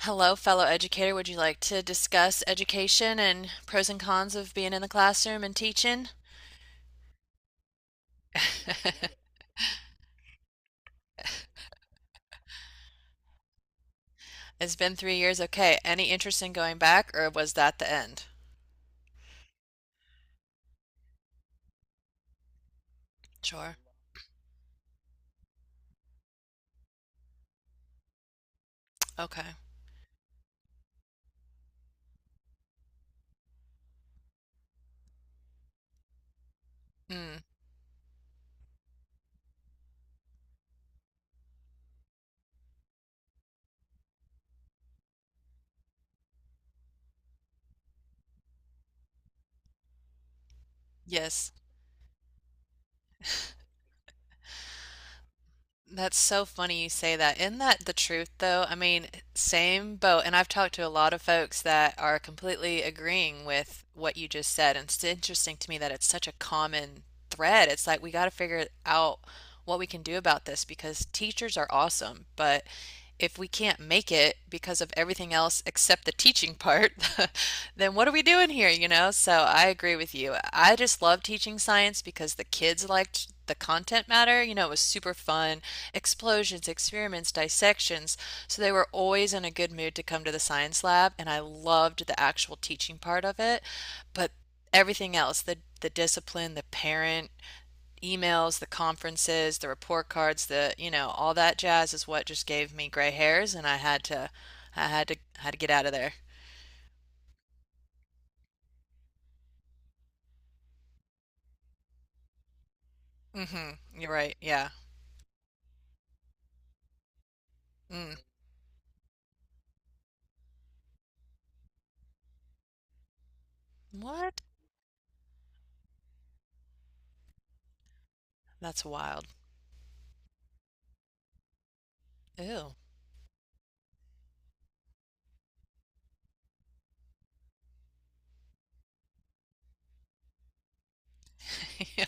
Hello, fellow educator. Would you like to discuss education and pros and cons of being in the classroom and teaching? It's been 3 years. Okay. Any interest in going back, or was that the end? Sure. Okay. Mm, yes. That's so funny you say that. Isn't that the truth, though? I mean, same boat. And I've talked to a lot of folks that are completely agreeing with what you just said. And it's interesting to me that it's such a common thread. It's like we got to figure out what we can do about this because teachers are awesome, but if we can't make it because of everything else except the teaching part, then what are we doing here? So I agree with you. I just love teaching science because the kids liked the content matter. You know, it was super fun. Explosions, experiments, dissections. So they were always in a good mood to come to the science lab, and I loved the actual teaching part of it. But everything else, the discipline, the parent emails, the conferences, the report cards, the, you know, all that jazz is what just gave me gray hairs, and I had to get out of there. Hmm. You're right. Yeah. Mm. What? That's wild. Ew. Yeah.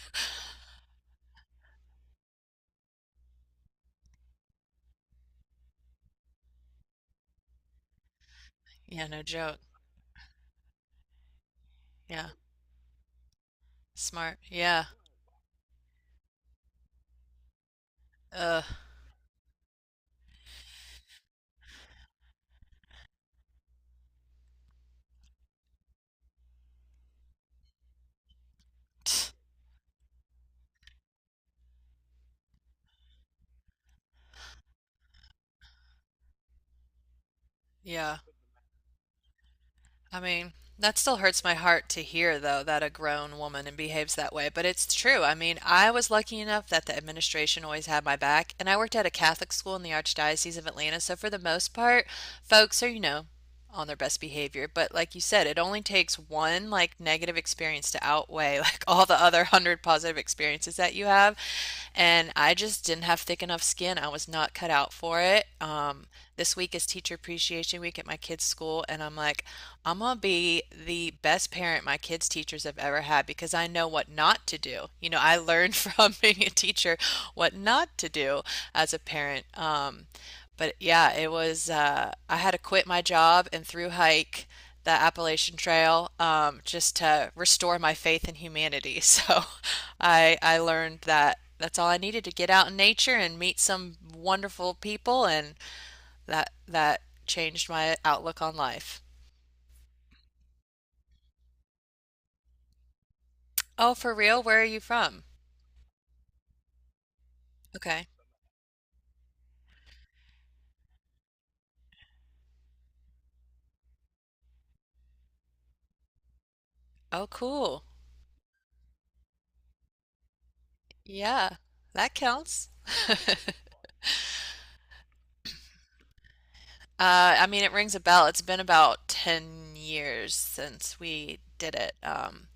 Yeah, no joke. Yeah. Smart. Yeah. Ugh. Tch. Yeah. I mean, that still hurts my heart to hear, though, that a grown woman and behaves that way. But it's true. I mean, I was lucky enough that the administration always had my back, and I worked at a Catholic school in the Archdiocese of Atlanta. So for the most part, folks are, you know, on their best behavior. But like you said, it only takes one like negative experience to outweigh like all the other hundred positive experiences that you have. And I just didn't have thick enough skin. I was not cut out for it. This week is teacher appreciation week at my kids' school, and I'm like, I'm gonna be the best parent my kids' teachers have ever had because I know what not to do. You know, I learned from being a teacher what not to do as a parent. But yeah, it was, I had to quit my job and through hike the Appalachian Trail just to restore my faith in humanity. So I learned that that's all I needed to get out in nature and meet some wonderful people, and that changed my outlook on life. Oh, for real? Where are you from? Okay. Oh, cool. Yeah, that counts. I mean, it rings a bell. It's been about 10 years since we did it.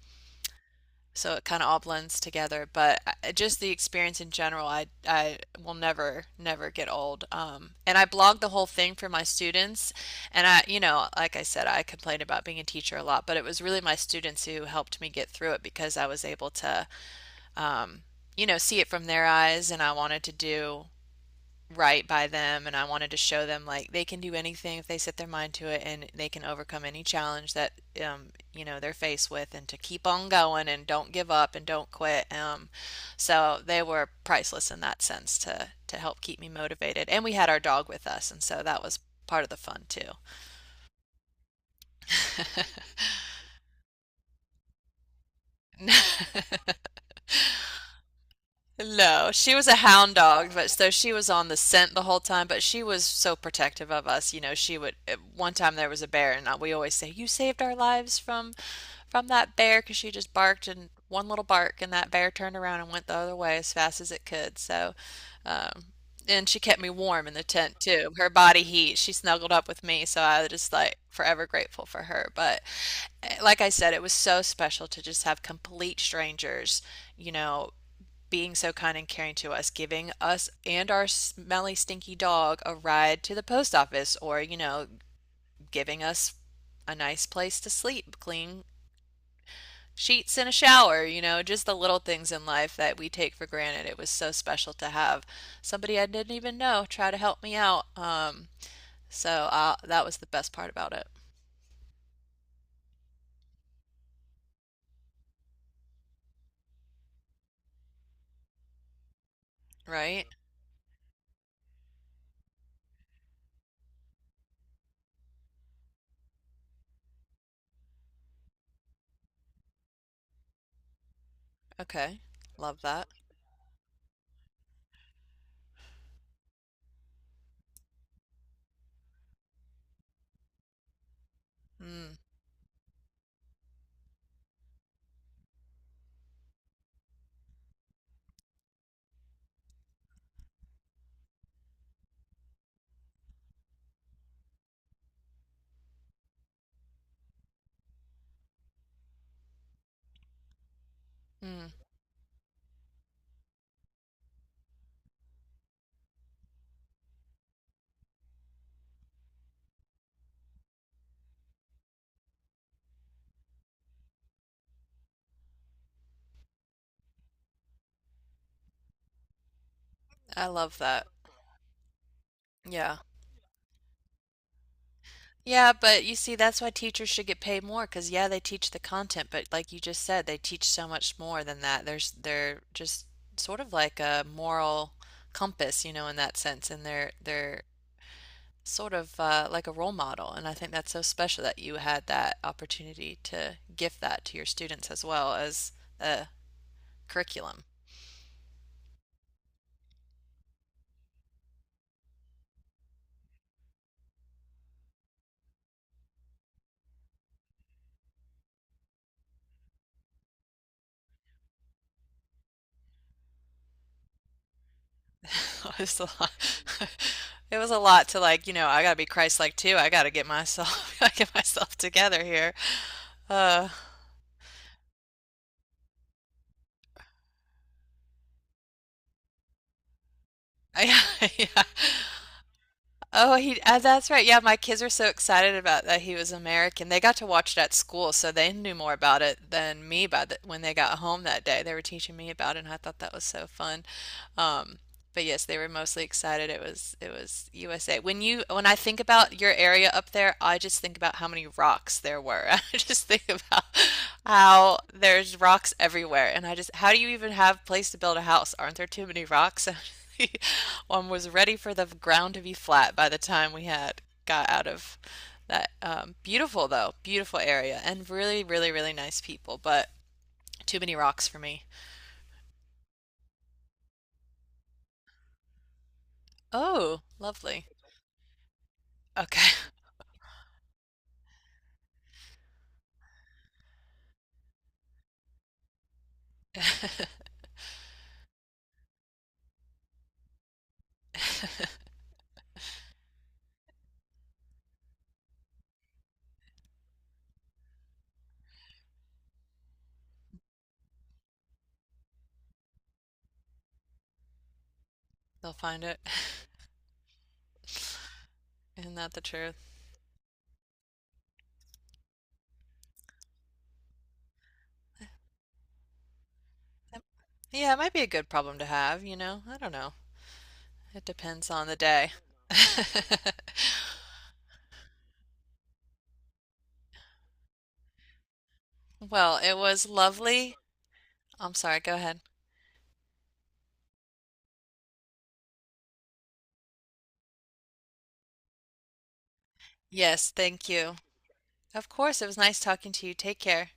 So it kind of all blends together, but just the experience in general, I will never never get old. And I blogged the whole thing for my students, and I, you know, like I said, I complained about being a teacher a lot, but it was really my students who helped me get through it because I was able to, um, you know, see it from their eyes, and I wanted to do right by them and I wanted to show them like they can do anything if they set their mind to it and they can overcome any challenge that um you know they're faced with and to keep on going and don't give up and don't quit so they were priceless in that sense to help keep me motivated and we had our dog with us and so that was part of the fun too. No, she was a hound dog, but so she was on the scent the whole time. But she was so protective of us. You know, she would. At one time there was a bear, and we always say, "You saved our lives from that bear," because she just barked and one little bark, and that bear turned around and went the other way as fast as it could. So, um, and she kept me warm in the tent too. Her body heat. She snuggled up with me, so I was just like forever grateful for her. But like I said, it was so special to just have complete strangers, you know, being so kind and caring to us, giving us and our smelly, stinky dog a ride to the post office, or, you know, giving us a nice place to sleep, clean sheets and a shower, you know, just the little things in life that we take for granted. It was so special to have somebody I didn't even know try to help me out. So that was the best part about it, right? Okay. Love that. Mm, mm, I love that. Yeah. Yeah, but you see, that's why teachers should get paid more because, yeah, they teach the content, but like you just said, they teach so much more than that. There's They're just sort of like a moral compass, you know, in that sense, and they're sort of like a role model. And I think that's so special that you had that opportunity to give that to your students as well as a curriculum. It was a lot. It was a lot to like, you know, I gotta be Christ-like too. I gotta get myself, I gotta get myself together here. Uh. I, yeah. Oh, he, that's right. Yeah, my kids are so excited about that he was American. They got to watch it at school, so they knew more about it than me by when they got home that day. They were teaching me about it, and I thought that was so fun. Um, but yes, they were mostly excited. It was USA. When I think about your area up there, I just think about how many rocks there were. I just think about how there's rocks everywhere, and I just how do you even have place to build a house? Aren't there too many rocks? One was ready for the ground to be flat by the time we had got out of that beautiful though, beautiful area, and really really really nice people, but too many rocks for me. Oh, lovely. Okay. They'll find it. Isn't that the truth? That- Yeah, it might be a good problem to have, you know? I don't know. It depends on the day. Well, it was lovely. I'm sorry, go ahead. Yes, thank you. Of course, it was nice talking to you. Take care.